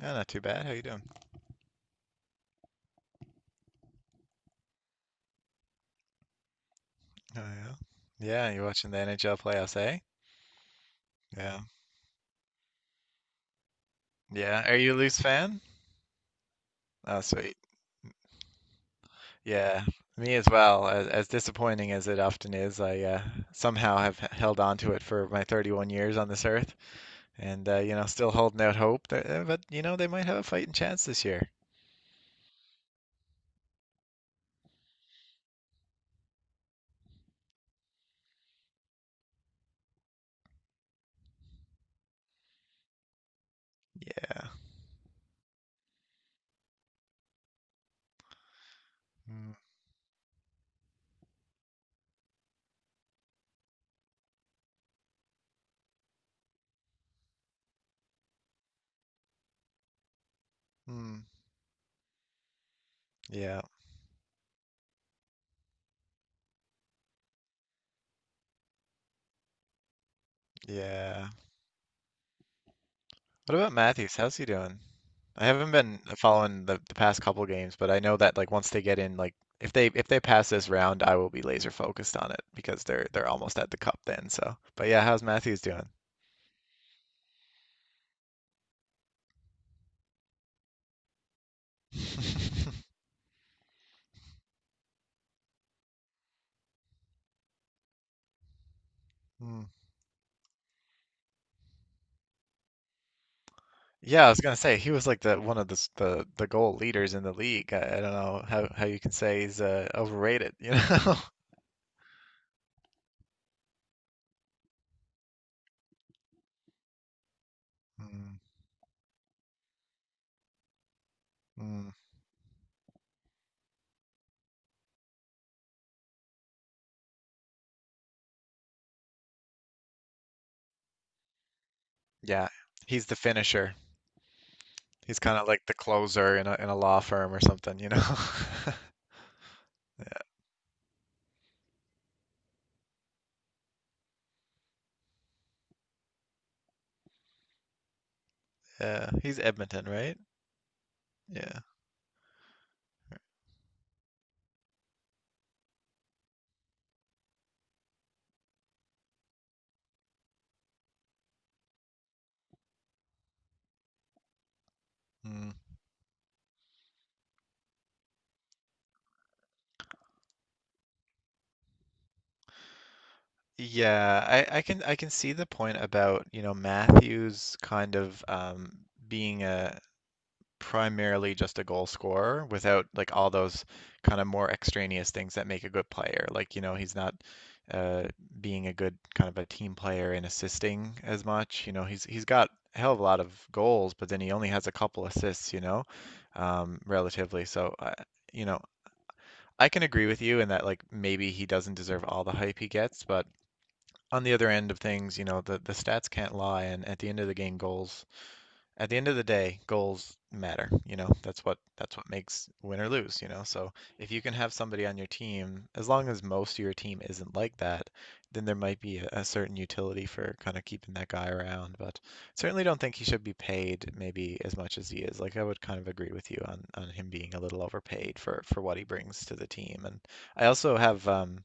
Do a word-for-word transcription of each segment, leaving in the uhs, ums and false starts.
Yeah, not too bad. How you doing? Oh yeah. Yeah, you're watching the N H L playoffs, eh? Yeah. Yeah. Are you a Leafs fan? Oh, sweet. Yeah, me as well. As, as disappointing as it often is, I uh, somehow have h- held on to it for my thirty-one years on this earth, and uh, you know, still holding out hope that, uh, but you know, they might have a fighting chance this year. Yeah. Mm, mm, yeah. Yeah. What about Matthews? How's he doing? I haven't been following the, the past couple games, but I know that like once they get in, like if they if they pass this round, I will be laser focused on it because they're they're almost at the cup then. So, but yeah, how's Matthews doing? Hmm. Yeah, I was gonna say he was like the one of the s- the, the goal leaders in the league. I, I don't know how, how you can say he's uh, overrated, you know? Mm, mm. Yeah, he's the finisher. He's kind of like the closer in a in a law firm or something, you know? Yeah, he's Edmonton, right? Yeah. Mm. Yeah, I, I can I can see the point about, you know, Matthews kind of um, being a primarily just a goal scorer without like all those kind of more extraneous things that make a good player. Like, you know, he's not uh, being a good kind of a team player and assisting as much. You know, he's he's got a hell of a lot of goals, but then he only has a couple assists, you know, um, relatively. So, uh, you know, I can agree with you in that like maybe he doesn't deserve all the hype he gets, but on the other end of things, you know, the, the stats can't lie, and at the end of the game, goals. At the end of the day, goals matter. You know, that's what that's what makes win or lose. You know, so if you can have somebody on your team, as long as most of your team isn't like that, then there might be a, a certain utility for kind of keeping that guy around. But certainly don't think he should be paid maybe as much as he is. Like I would kind of agree with you on on him being a little overpaid for for what he brings to the team. And I also have um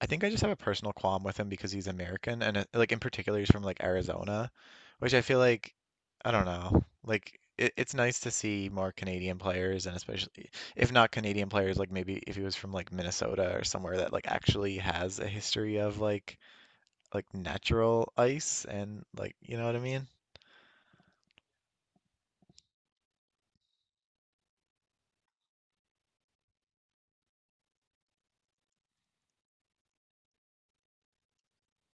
I think I just have a personal qualm with him because he's American and uh, like in particular he's from like Arizona, which I feel like I don't know. Like it, it's nice to see more Canadian players and especially if not Canadian players, like maybe if he was from like Minnesota or somewhere that like actually has a history of like like natural ice and like you know what I mean?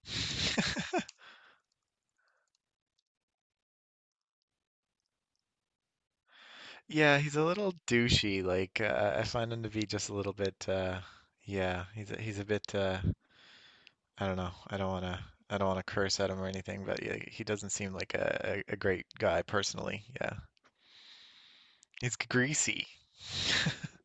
Yeah, he's a little douchey. Like uh, I find him to be just a little bit uh yeah, he's a, he's a bit uh I don't know. I don't wanna I don't wanna curse at him or anything, but yeah, he doesn't seem like a, a, a great guy personally. Yeah. He's greasy.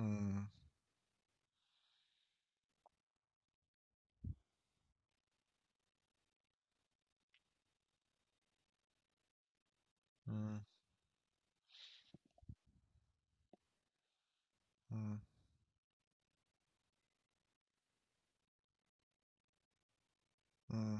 Mm, mm, mm, mm,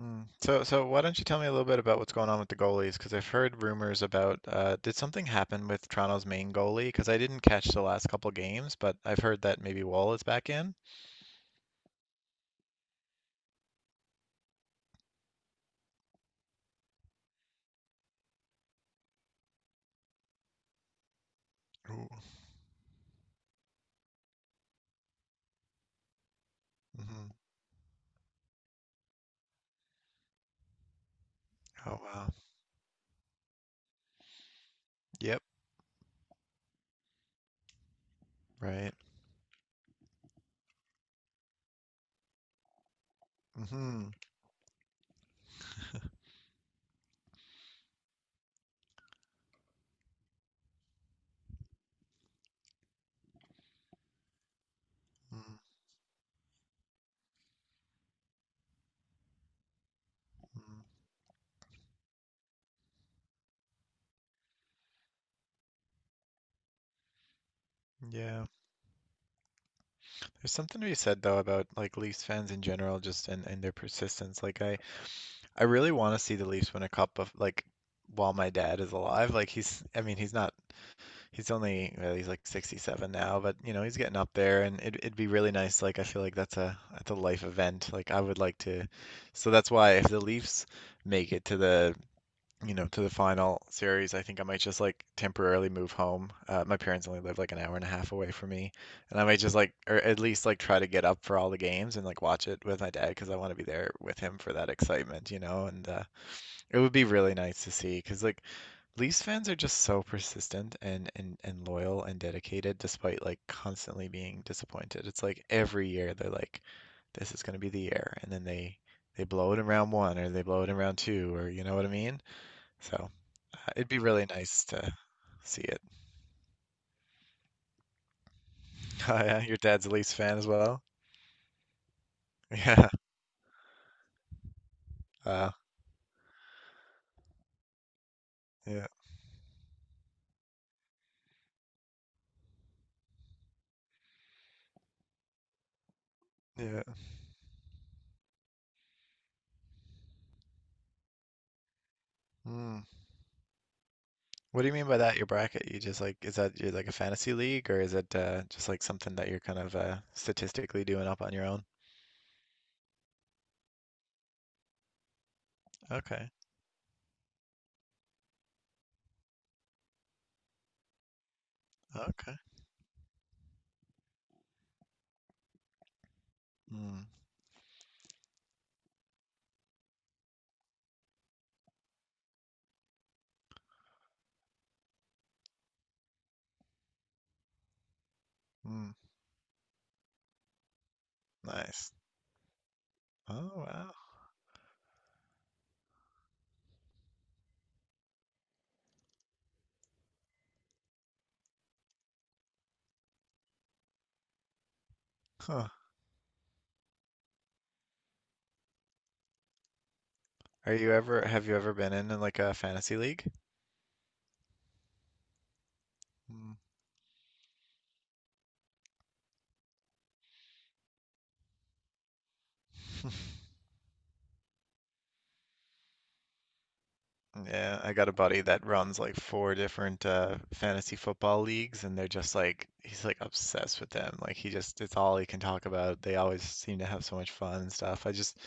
mm. So so why don't you tell me a little bit about what's going on with the goalies? Because I've heard rumors about uh, did something happen with Toronto's main goalie? Because I didn't catch the last couple games, but I've heard that maybe Wall is back in. Ooh. Hmm. Oh wow. Yep. Right. Mm-hmm. Mm-hmm. Mm-hmm. Yeah. There's something to be said though about like Leafs fans in general, just and, and their persistence. Like I, I really want to see the Leafs win a cup of like while my dad is alive. Like he's, I mean, he's not, he's only, well, he's like sixty-seven now, but you know, he's getting up there, and it, it'd be really nice. Like I feel like that's a that's a life event. Like I would like to, So that's why if the Leafs make it to the you know, to the final series, I think I might just like temporarily move home. Uh, my parents only live like an hour and a half away from me, and I might just like, or at least like try to get up for all the games and like watch it with my dad because I want to be there with him for that excitement, you know. And uh, it would be really nice to see because like Leafs fans are just so persistent and and and loyal and dedicated despite like constantly being disappointed. It's like every year they're like, this is going to be the year, and then they they blow it in round one or they blow it in round two or you know what I mean? So. Uh, It'd be really nice to see it. Oh, yeah, your dad's a Leafs fan as well. Yeah. Uh, yeah. Yeah. Hmm. What do you mean by that? Your bracket? You just like, is that you like a fantasy league or is it uh, just like something that you're kind of uh, statistically doing up on your own? Okay. Okay. Mm. Mm. Nice. Oh wow. Huh. Are you ever have you ever been in, in like a fantasy league? Mm. Yeah, I got a buddy that runs like four different uh fantasy football leagues and they're just like he's like obsessed with them. Like he just it's all he can talk about. They always seem to have so much fun and stuff. I just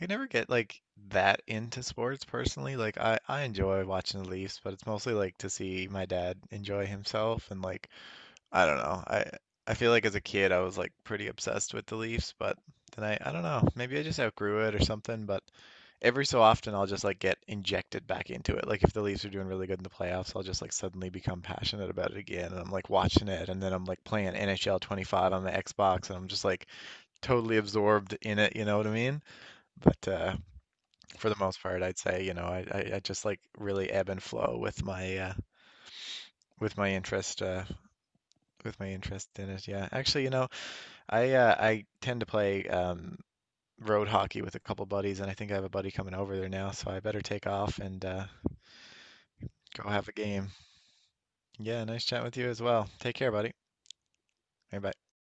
I never get like that into sports personally. Like I I enjoy watching the Leafs, but it's mostly like to see my dad enjoy himself and like I don't know. I I feel like as a kid I was like pretty obsessed with the Leafs, but then I I don't know. Maybe I just outgrew it or something, but every so often I'll just like get injected back into it. Like if the Leafs are doing really good in the playoffs, I'll just like suddenly become passionate about it again and I'm like watching it and then I'm like playing N H L twenty-five on the Xbox and I'm just like totally absorbed in it, you know what I mean? But uh for the most part I'd say, you know, I I, I just like really ebb and flow with my uh with my interest uh with my interest in it. Yeah. Actually, you know, I uh, I tend to play um, road hockey with a couple buddies, and I think I have a buddy coming over there now, so I better take off and uh, go have a game. Yeah, nice chat with you as well. Take care, buddy. Bye bye.